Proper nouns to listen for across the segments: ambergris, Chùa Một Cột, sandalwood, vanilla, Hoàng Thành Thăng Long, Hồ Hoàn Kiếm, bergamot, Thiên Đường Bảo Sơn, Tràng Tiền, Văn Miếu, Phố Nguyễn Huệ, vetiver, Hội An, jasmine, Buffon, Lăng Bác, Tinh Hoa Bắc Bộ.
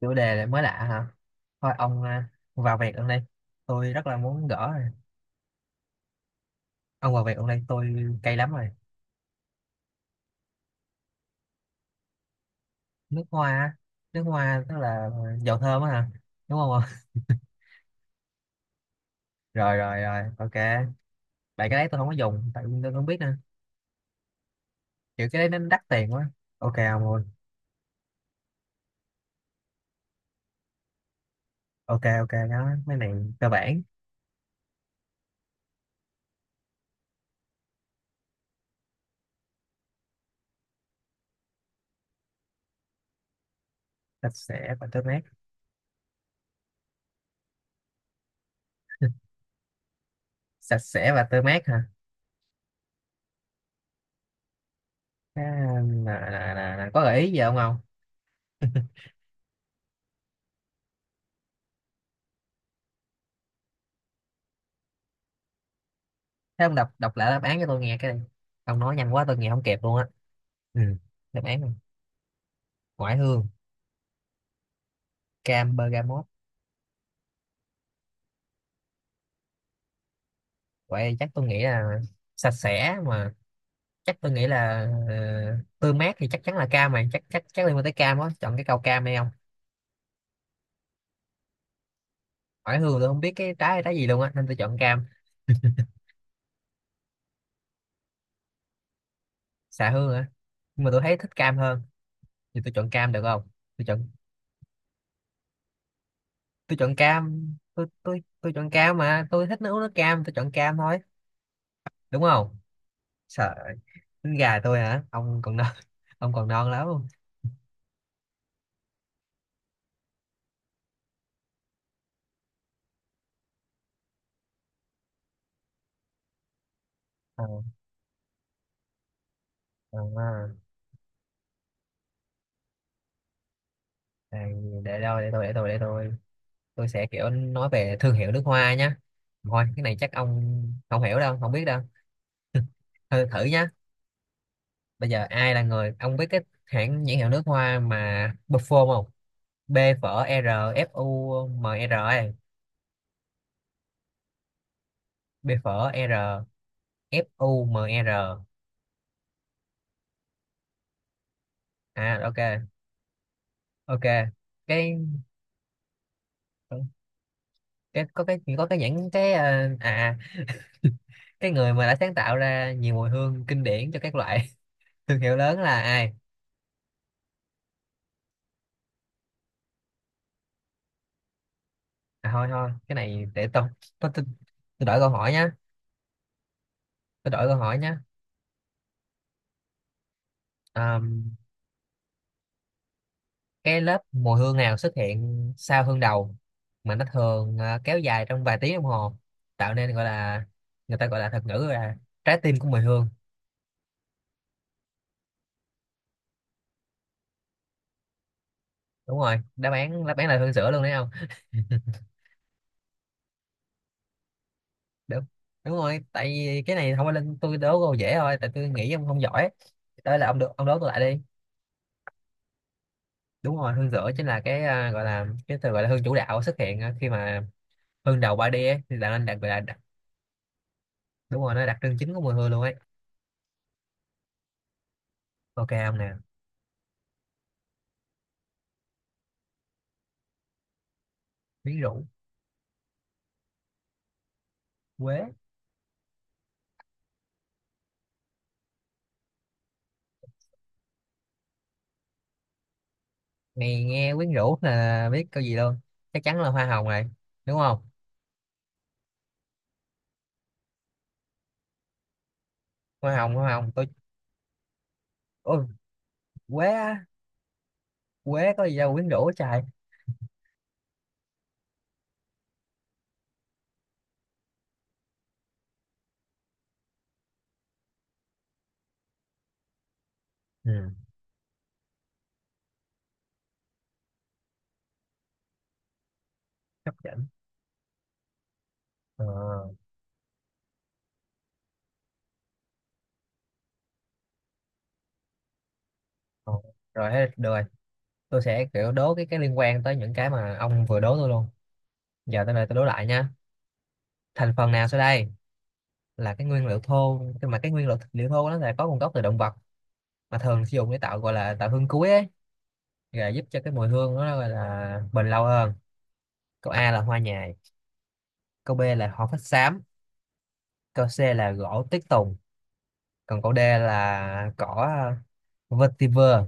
Chủ đề lại mới lạ hả? Thôi ông à, vào việc luôn đây. Tôi rất là muốn gỡ rồi. Ông vào việc luôn đây, tôi cay lắm rồi. Nước hoa á. Nước hoa tức là dầu thơm á hả, đúng không? Rồi rồi rồi, ok. Tại cái đấy tôi không có dùng, tại vì tôi không biết nữa, kiểu cái đấy nó đắt tiền quá. Ok ông luôn. Ok ok, đó mấy này cơ bản. Sạch sẽ và tươi mát. Sạch sẽ và tươi mát hả? Cái- là nè, có gợi ý gì không ông? Thế ông đọc đọc lại đáp án cho tôi nghe cái đi. Ông nói nhanh quá tôi nghe không kịp luôn á. Ừ, đáp án nè. Ngoại hương. Cam bergamot. Vậy chắc tôi nghĩ là sạch sẽ mà, chắc tôi nghĩ là ờ, tươi mát thì chắc chắn là cam mà, chắc chắc chắc liên quan tới cam á, chọn cái câu cam đây không. Ngoại hương tôi không biết cái trái là trái gì luôn á nên tôi chọn cam. Xạ hương á, nhưng mà tôi thấy thích cam hơn. Thì tôi chọn cam được không? Tôi chọn, tôi chọn cam. Tôi chọn cam mà, tôi thích nấu nước cam, tôi chọn cam thôi. Đúng không? Sợ. Tính gà tôi hả, ông còn non. Ông còn non lắm. Ờ, ờ, ờ, à, để tôi để tôi. Tôi sẽ kiểu nói về thương hiệu nước hoa nhá. Thôi cái này chắc ông không hiểu đâu, không biết đâu. Thử nhá. Bây giờ ai là người ông biết cái hãng nhãn hiệu nước hoa mà Buffon không? B phở R F U M R ấy. B phở R F U M R. À ok, ok. Cái cái có cái có cái nhãn cái cái người mà đã sáng tạo ra nhiều mùi hương kinh điển cho các loại thương hiệu lớn là ai? À thôi thôi, cái này để tôi, tôi tôi, tôi đổi câu hỏi nhá. Tôi đổi câu hỏi nhé. Àm, cái lớp mùi hương nào xuất hiện sau hương đầu mà nó thường kéo dài trong vài tiếng đồng hồ, tạo nên gọi là, người ta gọi là thuật ngữ là trái tim của mùi hương. Đúng rồi, đáp án là hương sữa luôn đấy không? Đúng. Đúng rồi, tại vì cái này không phải lên tôi đố câu dễ thôi, tại tôi nghĩ ông không giỏi. Đây là ông được ông đố tôi lại đi. Đúng rồi, hương sữa chính là cái gọi là cái từ gọi là hương chủ đạo xuất hiện khi mà hương đầu 3 đi ấy, thì tạo nên đặc gọi là đặc, đúng rồi, nó là đặc trưng chính của mùi hương luôn ấy. Ok ông nè, miếng rượu. Quế. Này nghe quyến rũ là biết câu gì luôn, chắc chắn là hoa hồng rồi, đúng không? Hoa hồng tôi, ôi quế á, quế có gì đâu quyến rũ trời. Ừ, hấp dẫn. ờ, ờ. Rồi hết được rồi. Tôi sẽ kiểu đố cái liên quan tới những cái mà ông vừa đố tôi luôn. Giờ tới đây tôi đố lại nha. Thành phần nào sau đây là cái nguyên liệu thô, nhưng mà cái nguyên liệu liệu thô nó là có nguồn gốc từ động vật, mà thường sử dụng để tạo gọi là tạo hương cuối ấy, và giúp cho cái mùi hương nó gọi là bền lâu hơn. Câu A là hoa nhài, câu B là hoa phách xám, câu C là gỗ tuyết tùng, còn câu D là cỏ vetiver.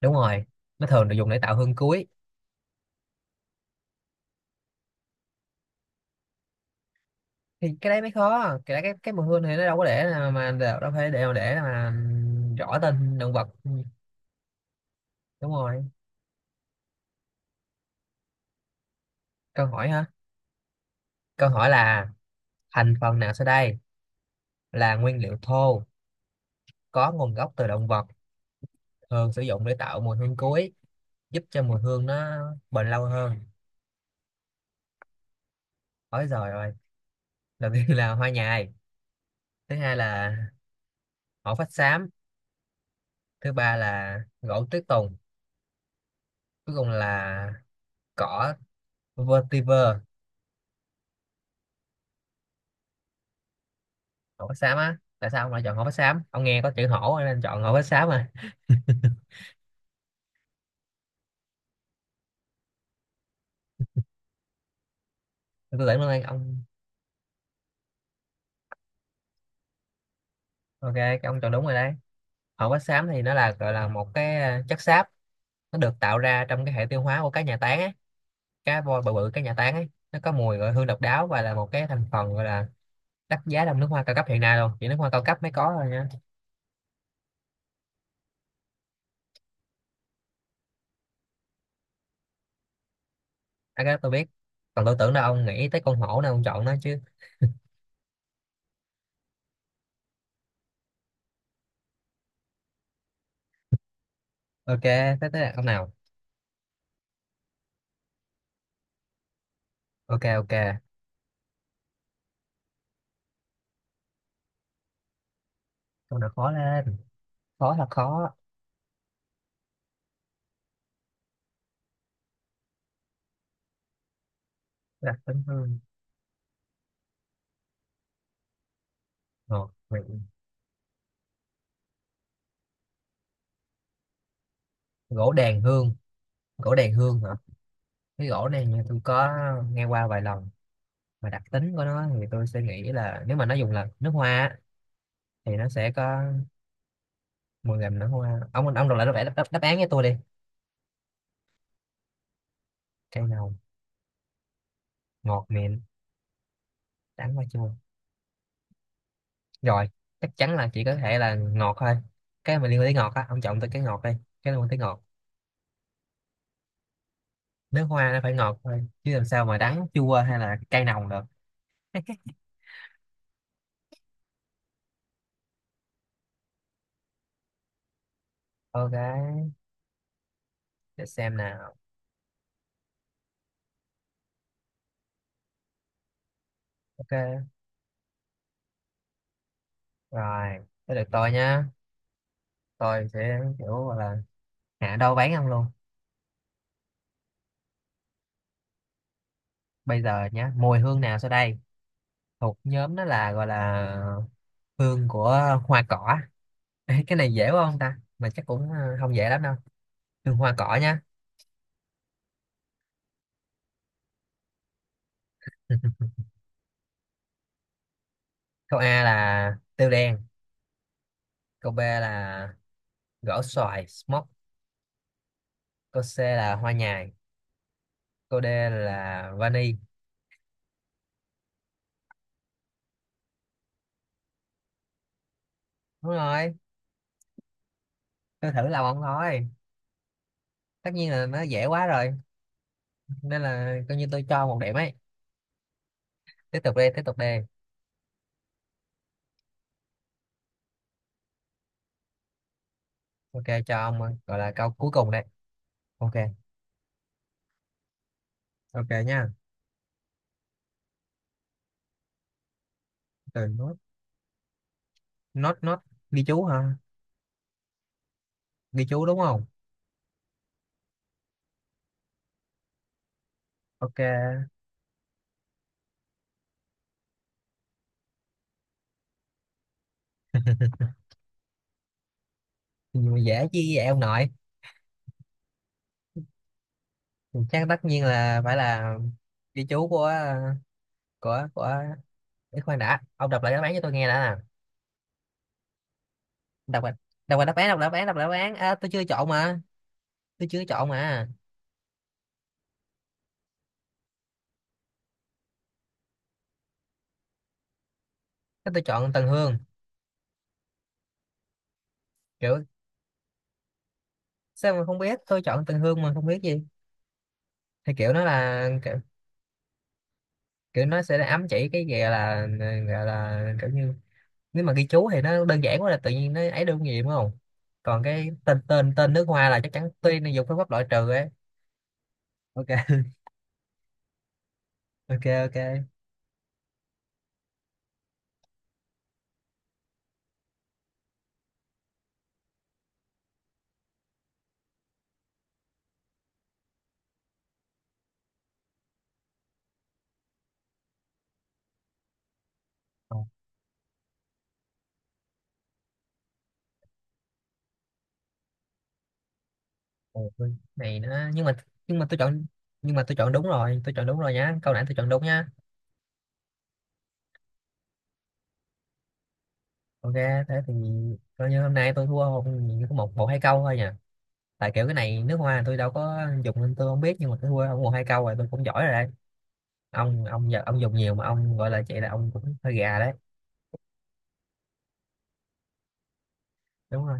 Đúng rồi, nó thường được dùng để tạo hương cuối. Thì cái đấy mới khó, cái đấy, cái mùi hương này nó đâu có để mà đâu đâu phải để mà rõ tên động vật. Ừ, đúng rồi. Câu hỏi hả? Câu hỏi là thành phần nào sau đây là nguyên liệu thô, có nguồn gốc từ động vật, thường sử dụng để tạo mùi hương cuối, giúp cho mùi hương nó bền lâu hơn. Ôi giời ơi, đầu tiên là hoa nhài, thứ hai là hổ phách xám, thứ ba là gỗ tuyết tùng, cuối cùng là cỏ vetiver. Hổ phách xám á, tại sao ông lại chọn hổ phách xám, ông nghe có chữ hổ nên chọn hổ phách xám à? Tôi tưởng luôn ông. Ok, cái ông chọn đúng rồi đấy. Hổ phách xám thì nó là gọi là một cái chất xáp, nó được tạo ra trong cái hệ tiêu hóa của cá nhà tán á, cá voi bự bự cá nhà tán ấy, nó có mùi gọi hương độc đáo và là một cái thành phần gọi là đắt giá trong nước hoa cao cấp hiện nay luôn, chỉ nước hoa cao cấp mới có thôi nha. À, cái đó tôi biết, còn tôi tưởng là ông nghĩ tới con hổ nên ông chọn nó chứ. Ok, tới tới là ông nào. Ok ok, câu nào khó lên, khó là khó. Đặc tính hương. Ờ, Vậy. Gỗ đàn hương. Gỗ đàn hương hả? Cái gỗ này như tôi có nghe qua vài lần, mà đặc tính của nó thì tôi sẽ nghĩ là nếu mà nó dùng là nước hoa á, thì nó sẽ có mùi làm nước hoa. Ông đọc lại đáp án với tôi đi. Cây nào. Ngọt mịn. Đắng và chua. Rồi, chắc chắn là chỉ có thể là ngọt thôi, cái mà liên quan tới ngọt á, ông chọn tới cái ngọt đi, cái liên quan tới ngọt. Nước hoa nó phải ngọt thôi chứ làm sao mà đắng chua hay là cay nồng được. Ok, để xem nào. Ok, rồi tới được tôi nhá. Tôi sẽ kiểu gọi là hạ đâu bán ông luôn. Bây giờ nhá, mùi hương nào sau đây thuộc nhóm đó là gọi là hương của hoa cỏ. Ê, cái này dễ quá không ta, mà chắc cũng không dễ lắm đâu. Hương hoa cỏ nhá. Câu A là tiêu đen, câu B là gỗ xoài smoke, câu C là hoa nhài, câu D là vani. Đúng rồi, tôi thử lòng ông thôi, tất nhiên là nó dễ quá rồi, nên là coi như tôi cho một điểm ấy. Tiếp tục đi, tiếp tục đi. Ok cho ông ơi, gọi là câu cuối cùng đây. Ok ok nha. Từ nốt nốt nốt. Ghi chú hả? Ghi chú đúng không? Ok. Thì dễ chứ vậy ông nội. Chắc tất nhiên là phải là ghi chú của của của Ý, khoan đã, ông đọc lại đáp án cho tôi nghe đã nè. Đọc lại. Đọc lại đáp án. À, tôi chưa chọn mà. Tôi chưa chọn mà. Thế tôi chọn Tần Hương. Kiểu sao mà không biết, tôi chọn Tần Hương mà không biết gì. Thì kiểu nó là kiểu, kiểu nó sẽ ám chỉ cái gì gọi là, gọi là kiểu như, nếu mà ghi chú thì nó đơn giản quá là tự nhiên, nó ấy được gì đúng không. Còn cái tên tên tên nước hoa là chắc chắn, tuy nó dùng phương pháp loại trừ ấy. Ok. Ok ok. Ồ, ồ, cái này nó nhưng mà, nhưng mà tôi chọn, nhưng mà tôi chọn đúng rồi, tôi chọn đúng rồi nhá, câu nãy tôi chọn đúng nhá. Ok thế thì coi như hôm nay tôi thua không chỉ có một một hai câu thôi nhỉ? Tại kiểu cái này nước hoa tôi đâu có dùng nên tôi không biết, nhưng mà tôi thua không một hai câu rồi tôi cũng giỏi rồi đấy. Ông giờ ông dùng nhiều mà ông gọi là chị là ông cũng hơi gà đấy. Đúng rồi.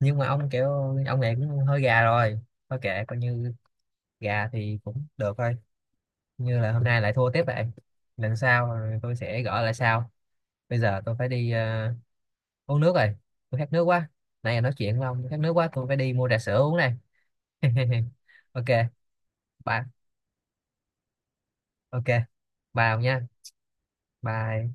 Nhưng mà ông kiểu ông này cũng hơi gà rồi, thôi kệ coi như gà thì cũng được thôi, như là hôm nay lại thua tiếp vậy. Lần sau rồi tôi sẽ gõ lại sau. Bây giờ tôi phải đi uống nước rồi, tôi khát nước quá, nãy giờ nói chuyện với ông khát nước quá, tôi phải đi mua trà sữa uống này. Ok, bye. Ok, bye ông nha. Bye.